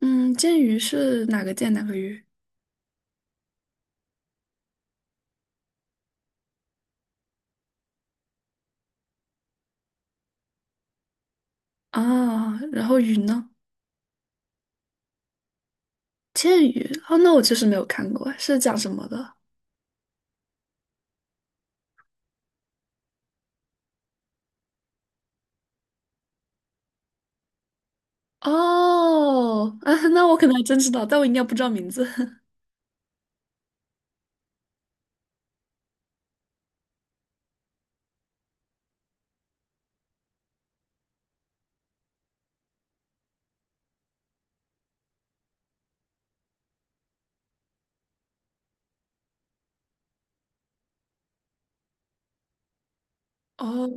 嗯，剑鱼是哪个剑哪个鱼啊？然后鱼呢？剑鱼哦，那我确实没有看过，是讲什么的？哦，啊，那我可能还真知道，但我应该不知道名字。哦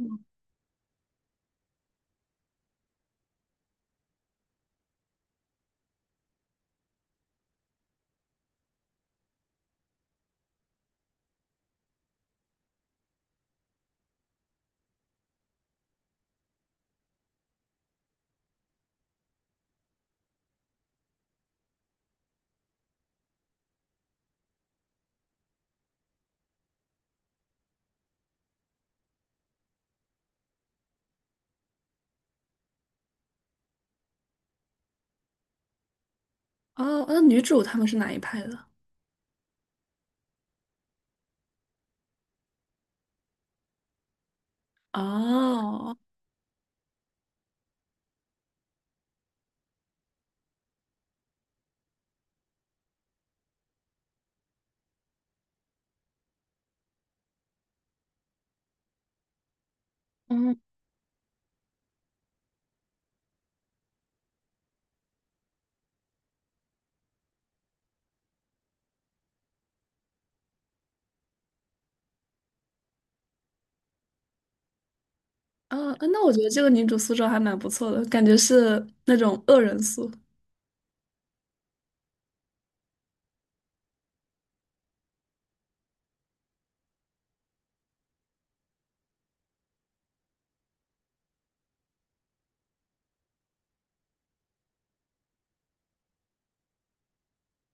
哦，那女主他们是哪一派的？哦，嗯哦啊那我觉得这个女主塑造还蛮不错的，感觉是那种恶人塑。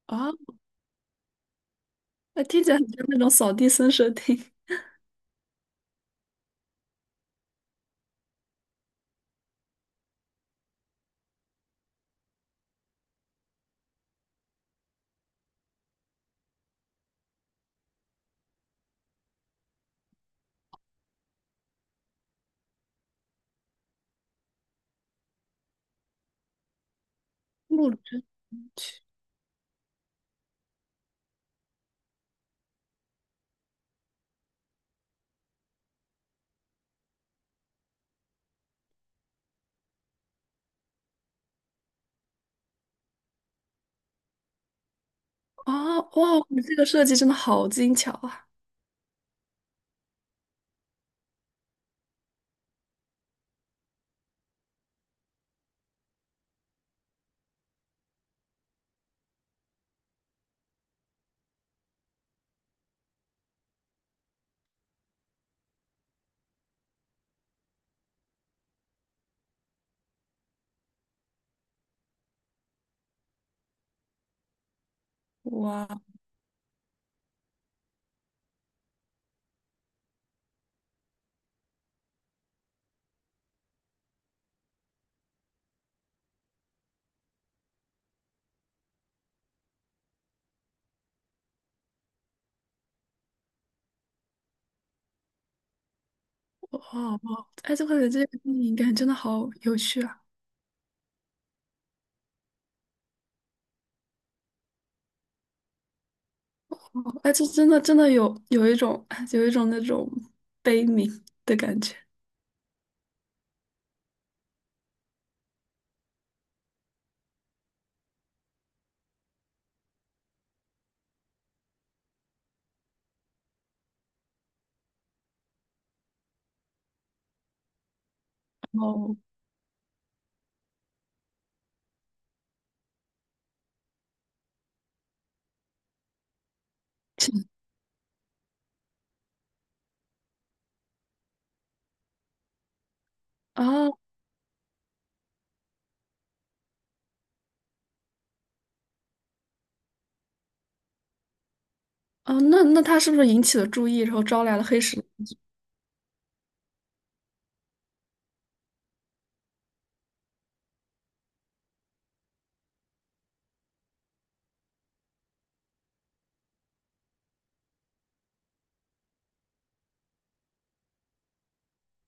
啊，那听起来很像那种扫地僧设定。木之哦，哇，你这个设计真的好精巧啊！哇。哦哦，哎，这个电影感真的好有趣啊！哦哎，这真的有一种有一种那种悲悯的感觉。哦，哦啊啊，那他是不是引起了注意，然后招来了黑石？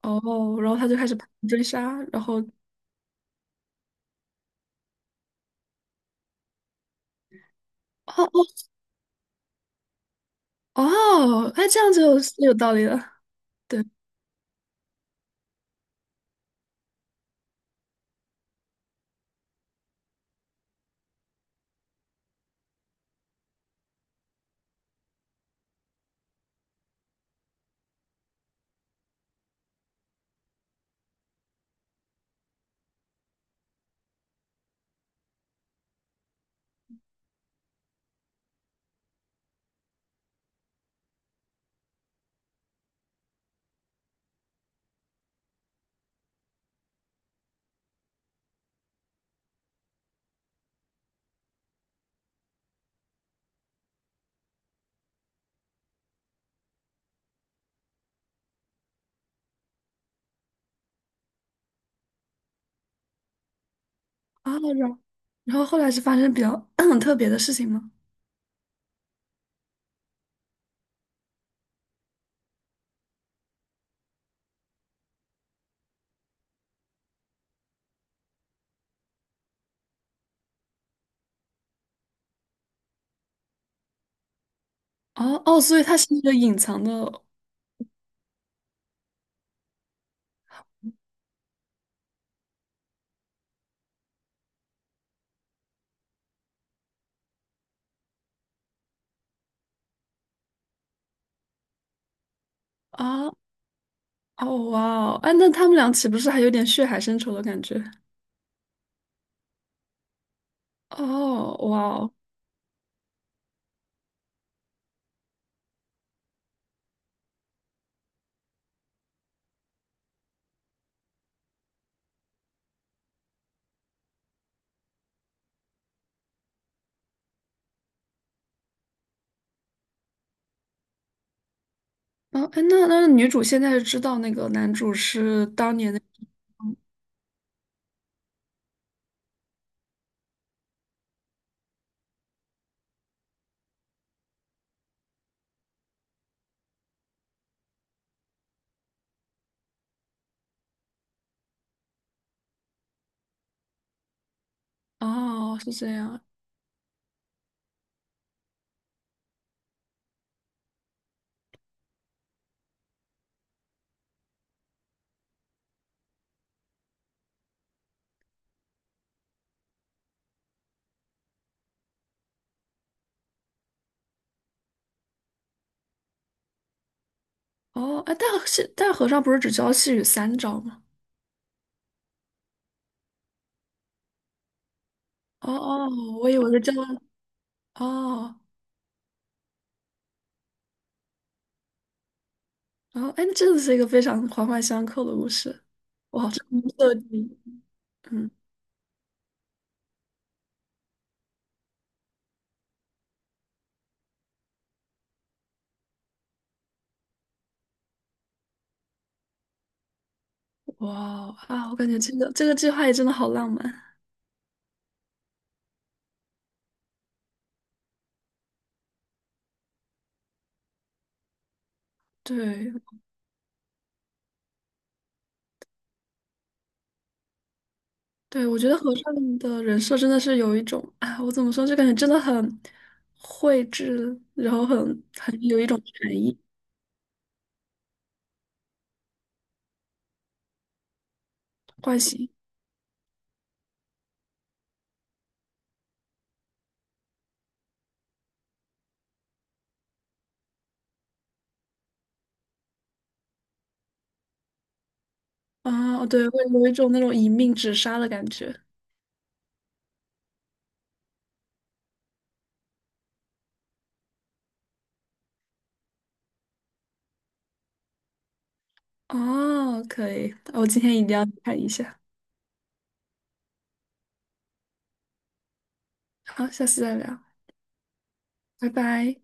哦，然后他就开始盘追杀，然后哦哦哦，哎，这样就是有道理了。对啊，然后后来是发生比较 特别的事情吗？哦哦，所以它是一个隐藏的啊。哦哦哇哦，哎，那他们俩岂不是还有点血海深仇的感觉？哦哇哦，嗯，哎，那那女主现在是知道那个男主是当年的，哦，是这样，哦，哎，大但大和尚不是只教细雨三招吗？哦哦，我以为是教，哦哦，哎，那真的是一个非常环环相扣的故事，哇，这个设定，嗯，哇哦啊，我感觉这个计划也真的好浪漫，对，对，我觉得和尚的人设真的是有一种啊，我怎么说，就感觉真的很绘制，然后很很有一种禅意惯性啊，对，会有一种那种一命只杀的感觉。哦，可以，我今天一定要看一下。好，下次再聊，拜拜。